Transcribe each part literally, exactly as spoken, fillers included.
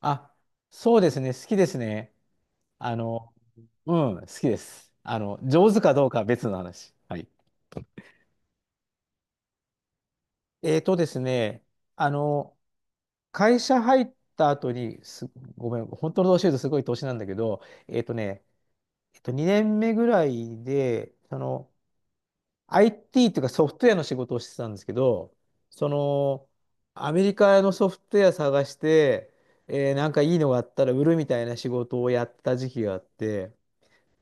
あ、そうですね。好きですね。あの、うん、好きです。あの、上手かどうかは別の話。はい。えーとですね、あの、会社入った後に、す、ごめん、本当の年言うとすごい年なんだけど、えーとね、えっと、にねんめぐらいで、その、アイティー というかソフトウェアの仕事をしてたんですけど、その、アメリカのソフトウェア探して、えーなんかいいのがあったら売るみたいな仕事をやった時期があって、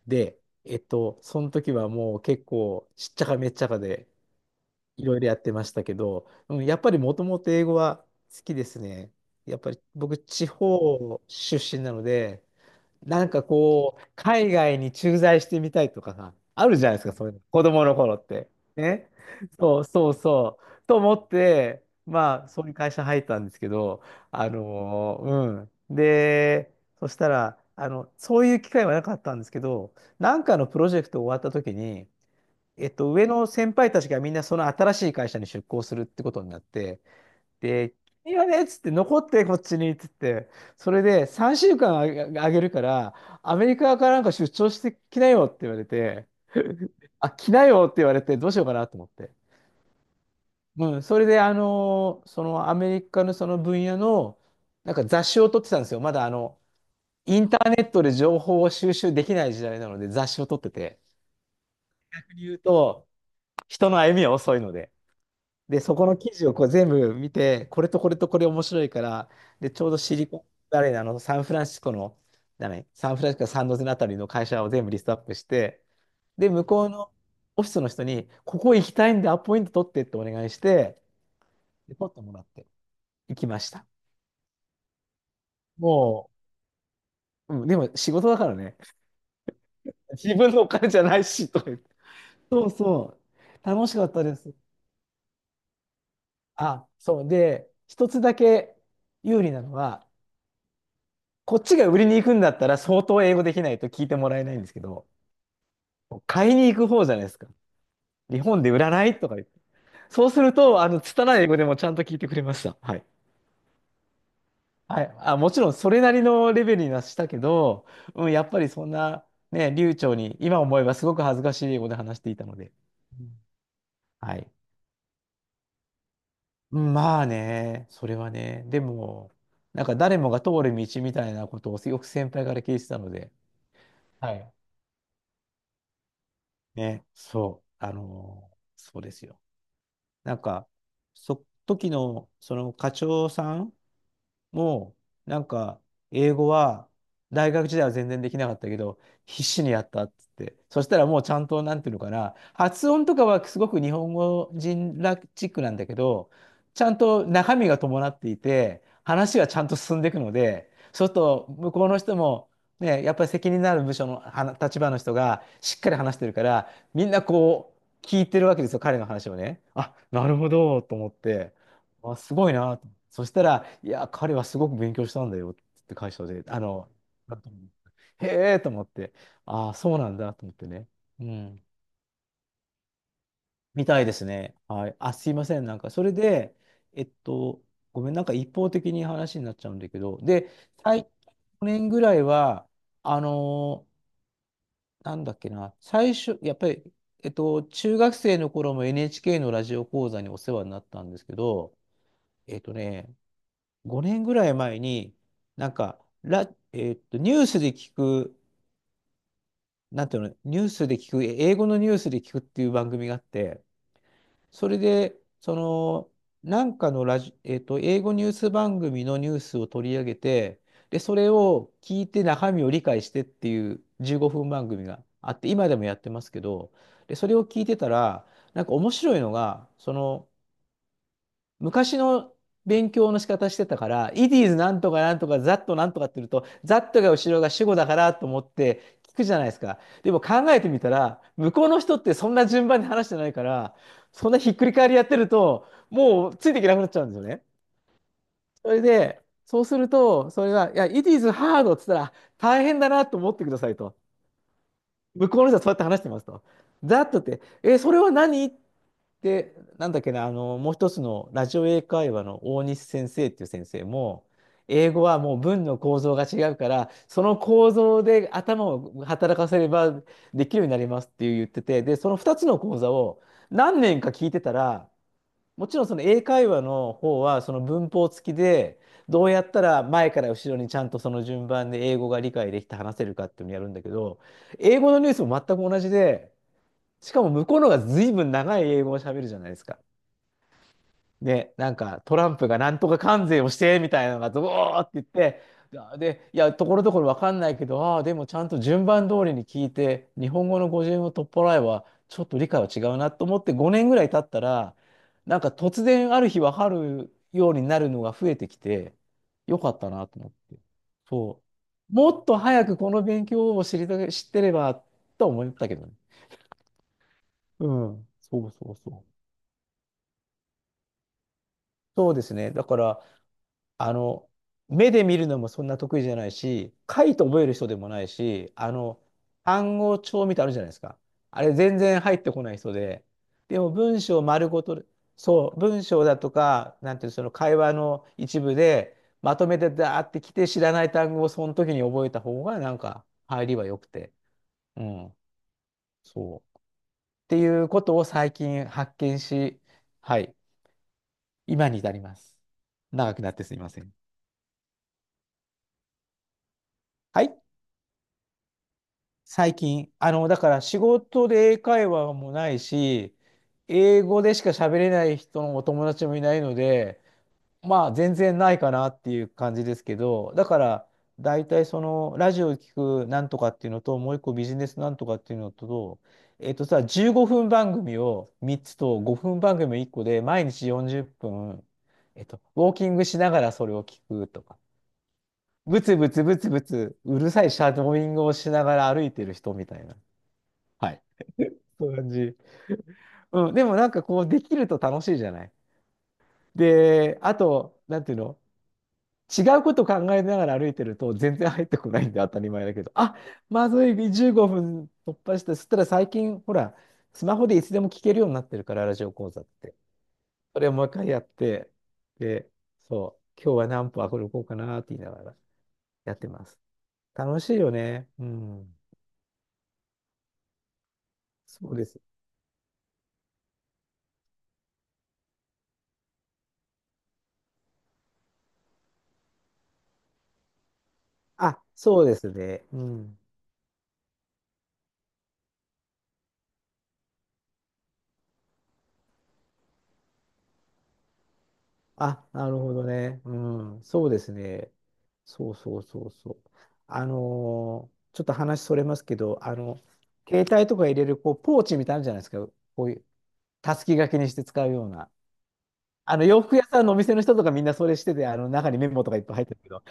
で、えっと、その時はもう結構しっちゃかめっちゃかでいろいろやってましたけど、うん、やっぱりもともと英語は好きですね。やっぱり僕地方出身なので、なんかこう、海外に駐在してみたいとかさ、あるじゃないですか、そういうの。子供の頃って。ね。そうそうそう、と思って、まあ、そういう会社入ったんですけど、あのーうん。で、そしたら、あの、そういう機会はなかったんですけど、なんかのプロジェクト終わった時に、えっと、上の先輩たちがみんなその新しい会社に出向するってことになって、で、いいよねっつって、残ってこっちにっつって、それで3週間あげ、あげるから、アメリカからなんか出張してきなよって言われて、あ、来なよって言われて、どうしようかなと思って。うん、それで、あのーそのアメリカのその分野の、なんか雑誌を撮ってたんですよ。まだあの、インターネットで情報を収集できない時代なので、雑誌を撮ってて。逆に言うと、人の歩みは遅いので。で、そこの記事をこう全部見て、これとこれとこれ面白いから、で、ちょうどシリコン、誰なの、サンフランシスコの、だね、サンフランシスコサンノゼのあたりの会社を全部リストアップして、で、向こうのオフィスの人に、ここ行きたいんでアポイント取ってってお願いして、で取ってもらって行きました。もう、うん、でも仕事だからね、自分のお金じゃないし、とか言って。そうそう、楽しかったです。あ、そう。で、一つだけ有利なのは、こっちが売りに行くんだったら相当英語できないと聞いてもらえないんですけど、買いに行く方じゃないですか。日本で売らないとか言って。そうすると、あの、拙い英語でもちゃんと聞いてくれました。はい。はい。あ、もちろんそれなりのレベルにはしたけど、うん、やっぱりそんな、ね、流暢に、今思えばすごく恥ずかしい英語で話していたので。うん。はい。うんまあね、それはね、でも、なんか誰もが通る道みたいなことをよく先輩から聞いてたので、はい。ね、そう、あのーそうですよ。なんか、そ、時の、その課長さん、もう、なんか、英語は、大学時代は全然できなかったけど、必死にやったっつって。そしたらもうちゃんと、なんていうのかな、発音とかはすごく日本語人らチックなんだけど、ちゃんと中身が伴っていて、話がちゃんと進んでいくので、そうすると、向こうの人も、ね、やっぱり責任のある部署のはな立場の人がしっかり話してるから、みんなこう、聞いてるわけですよ、彼の話をね。あ、なるほど、と思って。あ、すごいな。そしたら、いや、彼はすごく勉強したんだよって会社で、あの、なんともへえと思って、ああ、そうなんだと思ってね。うん。みたいですね。はい。あ、すいません。なんか、それで、えっと、ごめん、なんか一方的に話になっちゃうんだけど、で、最去年ぐらいは、あのーなんだっけな、最初、やっぱり、えっと、中学生の頃も エヌエイチケー のラジオ講座にお世話になったんですけど、えっとね、ごねんぐらい前に、なんか、ラ、えーっと、ニュースで聞く、なんていうの、ニュースで聞く、英語のニュースで聞くっていう番組があって、それで、その、なんかのラジ、えーっと、英語ニュース番組のニュースを取り上げて、で、それを聞いて中身を理解してっていうじゅうごふん番組があって、今でもやってますけど、で、それを聞いてたら、なんか面白いのが、その、昔の勉強の仕方してたから、it is なんとかなんとか、ザッとなんとかって言うと、ザッとが後ろが主語だからと思って聞くじゃないですか。でも考えてみたら、向こうの人ってそんな順番で話してないから、そんなひっくり返りやってると、もうついていけなくなっちゃうんですよね。それで、そうすると、それが、いや、it is hard って言ったら、大変だなと思ってくださいと。向こうの人はそうやって話してますと。ザッとって、え、それは何で、なんだっけな、あの、もう一つのラジオ英会話の大西先生っていう先生も、英語はもう文の構造が違うから、その構造で頭を働かせればできるようになりますって言ってて、で、そのふたつの講座を何年か聞いてたら、もちろんその英会話の方はその文法付きで、どうやったら前から後ろにちゃんとその順番で英語が理解できて話せるかっていうのをやるんだけど、英語のニュースも全く同じで、しかも向こうの方が随分長い英語を喋るじゃないですか。ね、なんかトランプがなんとか関税をしてみたいなのが、ドーって言って、で、いや、ところどころわかんないけど、ああ、でもちゃんと順番通りに聞いて、日本語の語順を取っ払えば、ちょっと理解は違うなと思ってごねんぐらい経ったら、なんか突然ある日わかるようになるのが増えてきて、よかったなと思って。そう。もっと早くこの勉強を知りた、知ってればと思ったけどね。うん。そうそうそう。そうですね。だから、あの、目で見るのもそんな得意じゃないし、書いて覚える人でもないし、あの、単語帳みたいなのあるじゃないですか。あれ全然入ってこない人で、でも文章丸ごと、そう、文章だとか、なんていうの、その会話の一部で、まとめてダーってきて知らない単語をその時に覚えた方がなんか入りは良くて。うん、そう。っていうことを最近発見し、はい、今に至ります。長くなってすみません。はい。最近、あの、だから仕事で英会話もないし、英語でしか喋れない人のお友達もいないので、まあ全然ないかなっていう感じですけど、だから大体そのラジオを聞くなんとかっていうのと、もう一個ビジネスなんとかっていうのと、えっとさ、じゅうごふん番組をみっつとごふん番組いっこで毎日よんじゅっぷん、えっと、ウォーキングしながらそれを聞くとか、ブツブツブツブツうるさいシャドーイングをしながら歩いてる人みたいな。はい。そういう感じ。うん、でもなんかこう、できると楽しいじゃない。で、あと、なんていうの、違うこと考えながら歩いてると全然入ってこないんで当たり前だけど、あ、まずい、じゅうごふん突破して、そしたら最近、ほら、スマホでいつでも聞けるようになってるから、ラジオ講座って。それをもう一回やって、で、そう、今日は何歩歩こうかなって言いながらやってます。楽しいよね。うん。そうです。あ、そうですね。うん。あ、なるほどね。うん、そうですね。そうそうそうそう。あのーちょっと話それますけど、あの、携帯とか入れるこうポーチみたいなのあるじゃないですか。こういう、たすき掛けにして使うような。あの、洋服屋さんのお店の人とかみんなそれしてて、あの、中にメモとかいっぱい入ってるけど。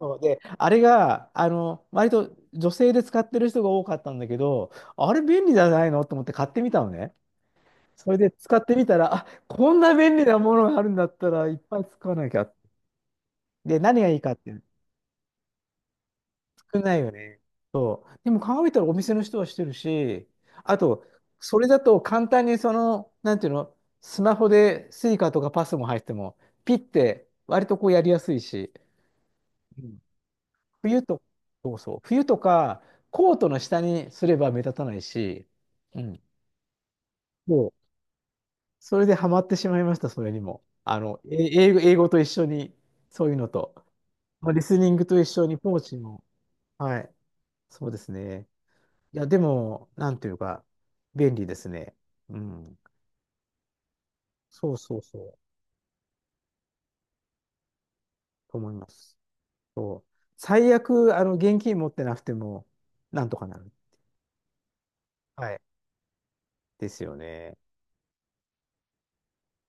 そうで、あれが、あの、割と女性で使ってる人が多かったんだけど、あれ便利じゃないのと思って買ってみたのね。それで使ってみたら、あ、こんな便利なものがあるんだったらいっぱい使わなきゃ。で、何がいいかって、少ないよね。でも考えたらお店の人はしてるし、あと、それだと簡単にその、なんていうの、スマホでスイカとかパスも入っても、ピッて割とこうやりやすいし、うん。冬と、そうそう、冬とかコートの下にすれば目立たないし、うん、そう、それでハマってしまいました、それにも。あの、え英語、英語と一緒に、そういうのと、まあリスニングと一緒にポーチも、はい、そうですね。いや、でも、なんていうか、便利ですね。うん。そうそうそう。と思います。そう。最悪、あの、現金持ってなくても、なんとかなる。はい。ですよね。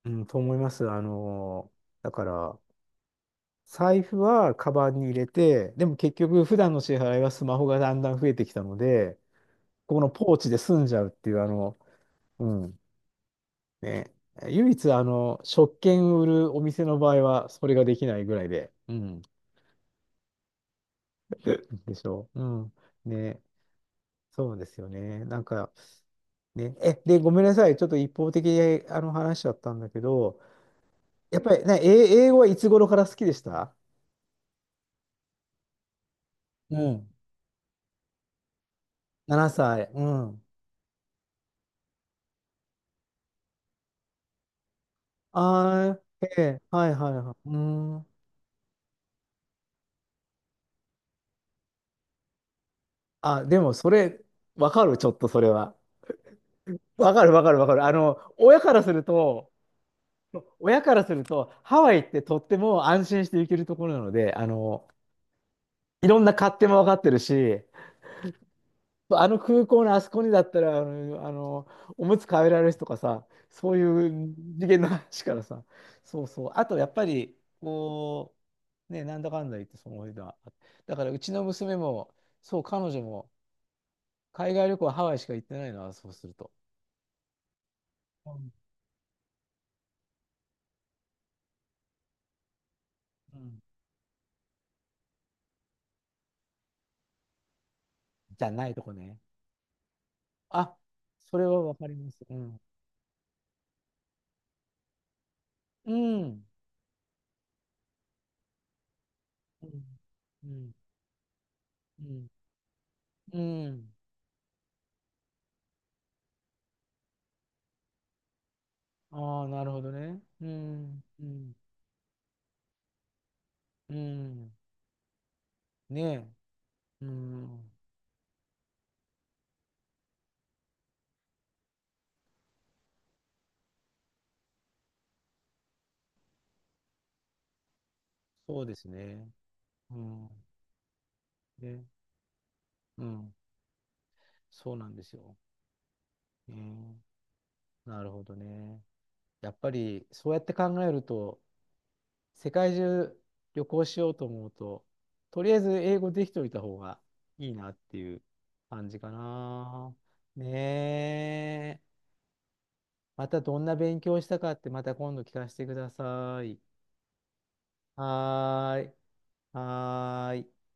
うん、と思います。あのー、だから、財布はカバンに入れて、でも結局、普段の支払いはスマホがだんだん増えてきたので、このポーチで済んじゃうっていう、あの、うん、ね。唯一、あの、食券売るお店の場合は、それができないぐらいで、うん。でしょう。うん。ね。そうですよね。なんか、ね。え、で、ごめんなさい。ちょっと一方的にあの話しちゃったんだけど、やっぱりね、え英語はいつ頃から好きでした？うん。ななさい。うん。あー、ええ、はいはいはい。うん。あ、でもそれ、わかる、ちょっとそれは。わかるわかるわかる。あの、親からすると、親からすると、ハワイってとっても安心して行けるところなので、あの、いろんな勝手もわかってるし、あの空港のあそこにだったら、あの、あのおむつ買えられる人とかさ、そういう次元の話からさ、そうそう。あと、やっぱり、こう、ね、なんだかんだ言って、その間、だから、うちの娘も、そう、彼女も、海外旅行はハワイしか行ってないのは、そうすると。うんうん、じゃないとこね。あ、それはわかります。うん。うん。うん。うん。うん。うん。ああ、なるほどね。うん。うん。うん。ねえ。うん、そうですね。うん、ね、うん、そうなんですよ。えー、なるほどね。やっぱりそうやって考えると、世界中旅行しようと思うと、とりあえず英語できておいた方がいいなっていう感じかな。ねえ。またどんな勉強したかってまた今度聞かせてください。はーい。はーい。